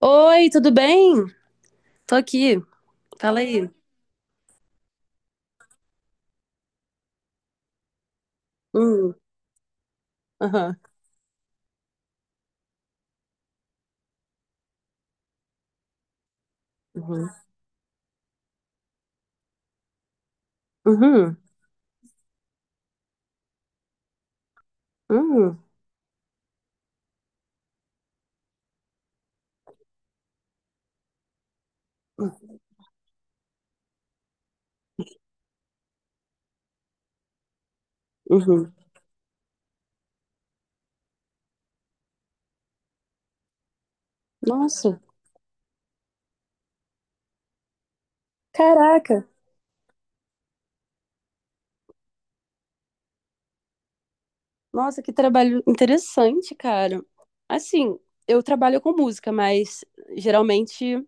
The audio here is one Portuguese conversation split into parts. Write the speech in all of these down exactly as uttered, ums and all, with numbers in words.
Oi, tudo bem? Tô aqui. Fala aí. Hum, aham, uhum, uhum, uhum, uhum. Nossa, caraca. Nossa, que trabalho interessante, cara. Assim, eu trabalho com música, mas geralmente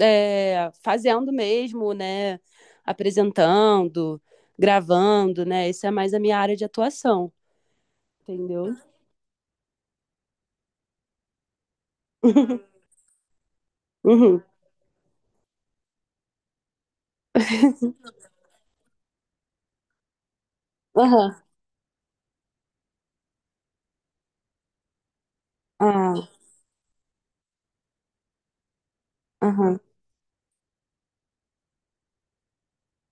é, fazendo mesmo, né? Apresentando, gravando, né? Isso é mais a minha área de atuação, entendeu? Uhum, aham, ah, aham.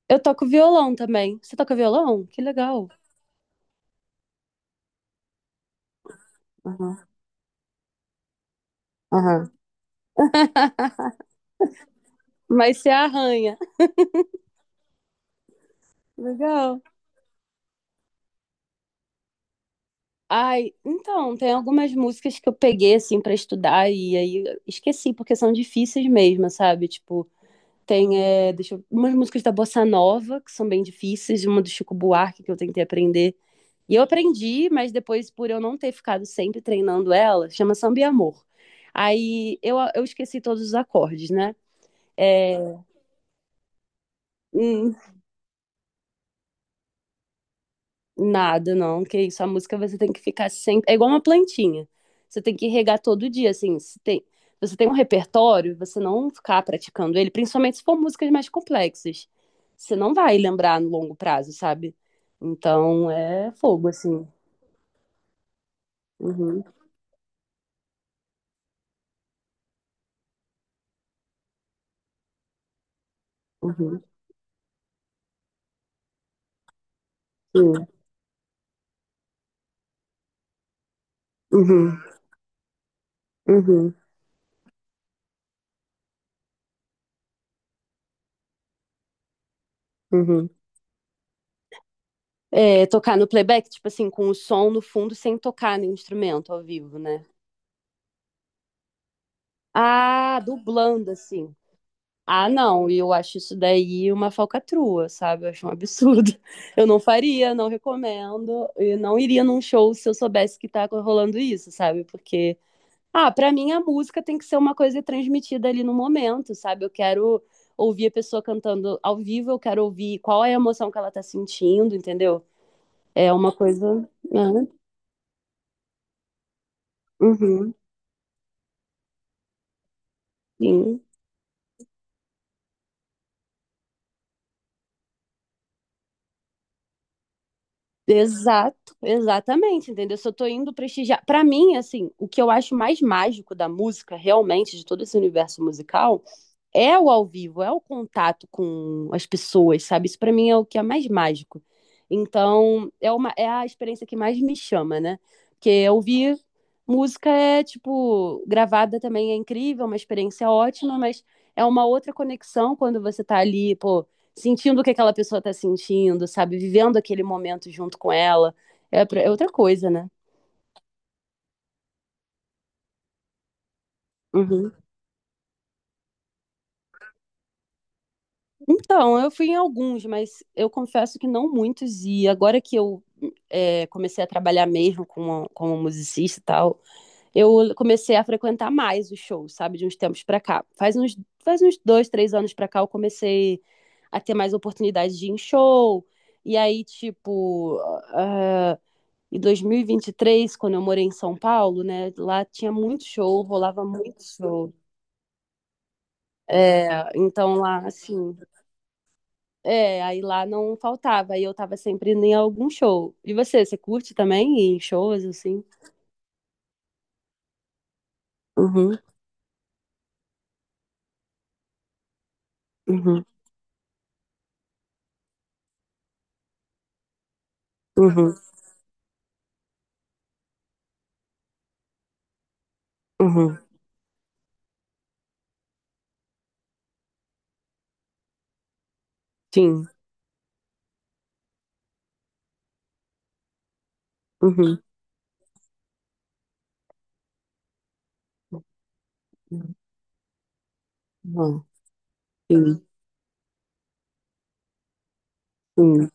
Eu toco violão também. Você toca violão? Que legal. Aham. Mas você arranha. Legal. Ai, então, tem algumas músicas que eu peguei, assim, pra estudar e aí eu esqueci, porque são difíceis mesmo, sabe? Tipo, tem, é, deixa eu... umas músicas da Bossa Nova, que são bem difíceis, uma do Chico Buarque, que eu tentei aprender. E eu aprendi, mas depois, por eu não ter ficado sempre treinando ela, chama Samba e Amor. Aí eu, eu esqueci todos os acordes, né? É, nada, não, que isso. A música você tem que ficar sempre. É igual uma plantinha. Você tem que regar todo dia, assim. Se tem... Você tem um repertório, você não ficar praticando ele, principalmente se for músicas mais complexas. Você não vai lembrar no longo prazo, sabe? Então é fogo, assim. Uhum, uhum, sim, uhum, uhum, uhum. É, tocar no playback, tipo assim, com o som no fundo sem tocar no instrumento ao vivo, né? Ah, dublando, assim. Ah, não, e eu acho isso daí uma falcatrua, sabe? Eu acho um absurdo. Eu não faria, não recomendo, e não iria num show se eu soubesse que tá rolando isso, sabe? Porque, ah, pra mim a música tem que ser uma coisa transmitida ali no momento, sabe? Eu quero ouvir a pessoa cantando ao vivo, eu quero ouvir qual é a emoção que ela tá sentindo, entendeu? É uma coisa. Né? Uhum, sim. Exato, exatamente, entendeu? Se eu tô indo prestigiar, pra mim, assim, o que eu acho mais mágico da música, realmente, de todo esse universo musical, é o ao vivo, é o contato com as pessoas, sabe? Isso para mim é o que é mais mágico. Então, é uma é a experiência que mais me chama, né? Porque ouvir música é tipo gravada também é incrível, uma experiência ótima, mas é uma outra conexão quando você tá ali, pô, sentindo o que aquela pessoa tá sentindo, sabe? Vivendo aquele momento junto com ela. É, pra- é outra coisa, né? Uhum. Então, eu fui em alguns, mas eu confesso que não muitos. E agora que eu é, comecei a trabalhar mesmo como, como musicista e tal, eu comecei a frequentar mais os shows, sabe, de uns tempos pra cá. Faz uns, faz uns dois, três anos pra cá eu comecei a ter mais oportunidade de ir em show. E aí, tipo, ah, em dois mil e vinte e três quando eu morei em São Paulo, né, lá tinha muito show, rolava muito show. É, então lá, assim. É, aí lá não faltava, aí eu tava sempre indo em algum show. E você, você curte também ir em shows, assim? Uhum, uhum, uhum, uhum, sim, uhum, uhum, uhum, sim, sim.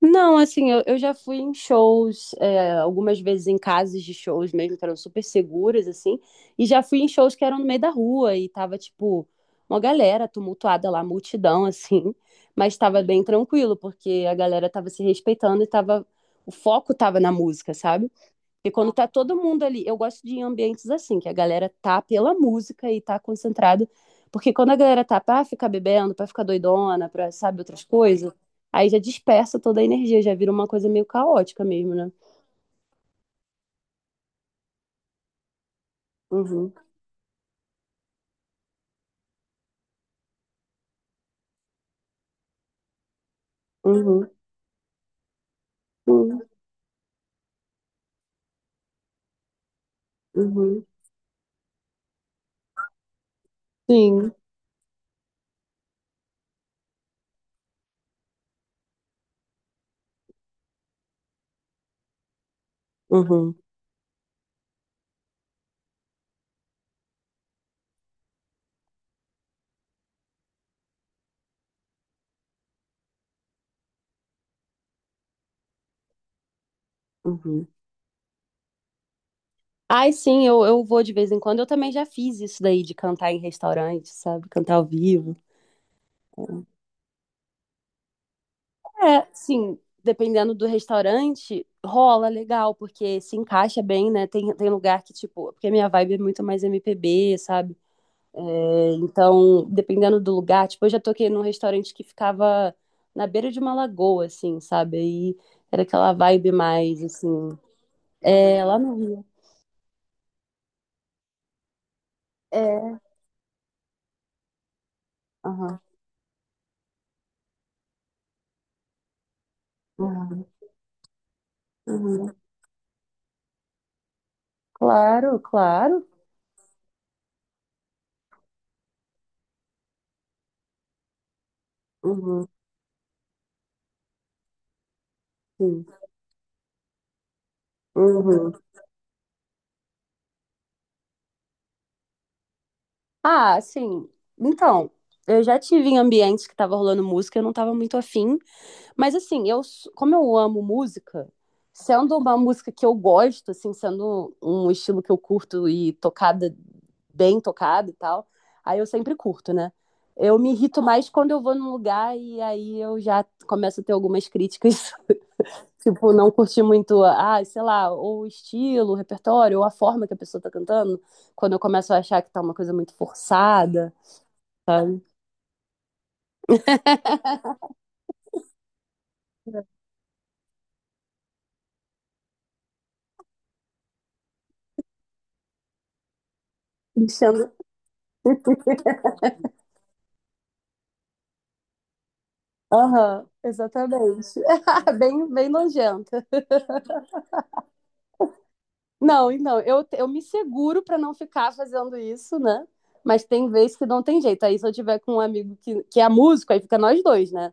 Não, assim, eu, eu já fui em shows, é, algumas vezes em casas de shows mesmo, que eram super seguras, assim, e já fui em shows que eram no meio da rua e tava, tipo, uma galera tumultuada lá, multidão, assim, mas tava bem tranquilo, porque a galera tava se respeitando e tava, o foco tava na música, sabe? Porque quando tá todo mundo ali, eu gosto de ir em ambientes assim, que a galera tá pela música e tá concentrada. Porque quando a galera tá pra ficar bebendo, pra ficar doidona, pra, sabe, outras coisas, aí já dispersa toda a energia, já vira uma coisa meio caótica mesmo, né? Uhum, uhum, uhum, uhum, sim, uhum, uhum. Ai, sim, eu, eu vou de vez em quando. Eu também já fiz isso daí de cantar em restaurante, sabe? Cantar ao vivo. É, sim, dependendo do restaurante, rola legal, porque se encaixa bem, né? Tem, tem lugar que, tipo, porque a minha vibe é muito mais M P B sabe? É, então, dependendo do lugar, tipo, eu já toquei num restaurante que ficava na beira de uma lagoa, assim, sabe? Aí era aquela vibe mais, assim, é, lá no Rio. É, aham, aham, aham. Claro, claro. Uhum, sim. Uhum. Ah, assim, então, eu já tive em ambientes que tava rolando música, eu não tava muito afim, mas assim, eu, s- como eu amo música, sendo uma música que eu gosto, assim, sendo um estilo que eu curto e tocada, bem tocada e tal, aí eu sempre curto, né? Eu me irrito mais quando eu vou num lugar e aí eu já começo a ter algumas críticas, tipo, não curti muito, ah, sei lá, ou o estilo, o repertório, ou a forma que a pessoa tá cantando, quando eu começo a achar que tá uma coisa muito forçada sabe? Enchendo. Aham, exatamente. Bem, bem nojenta. Não, então, eu, eu me seguro pra não ficar fazendo isso, né? Mas tem vezes que não tem jeito. Aí se eu tiver com um amigo que, que é músico, aí fica nós dois, né?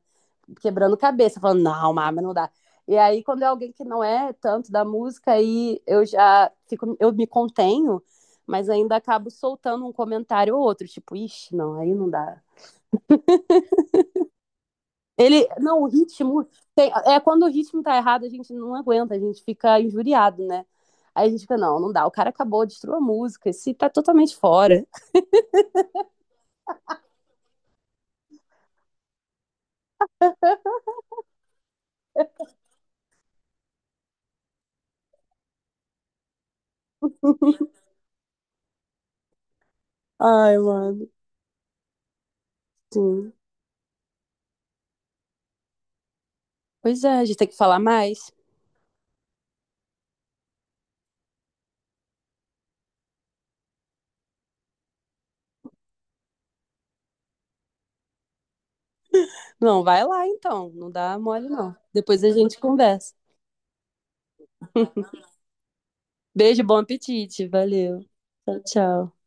Quebrando cabeça, falando, não, mas não dá. E aí, quando é alguém que não é tanto da música, aí eu já fico, eu me contenho, mas ainda acabo soltando um comentário ou outro, tipo, ixi, não, aí não dá. Ele, não, o ritmo tem- é quando o ritmo tá errado, a gente não aguenta, a gente fica injuriado, né? Aí a gente fica, não, não dá, o cara acabou, destruiu a música, esse tá totalmente fora. Ai, mano, sim. Pois é, a gente tem que falar mais. Não, vai lá então, não dá mole não. Depois a gente conversa. Beijo, bom apetite, valeu. Tchau, tchau.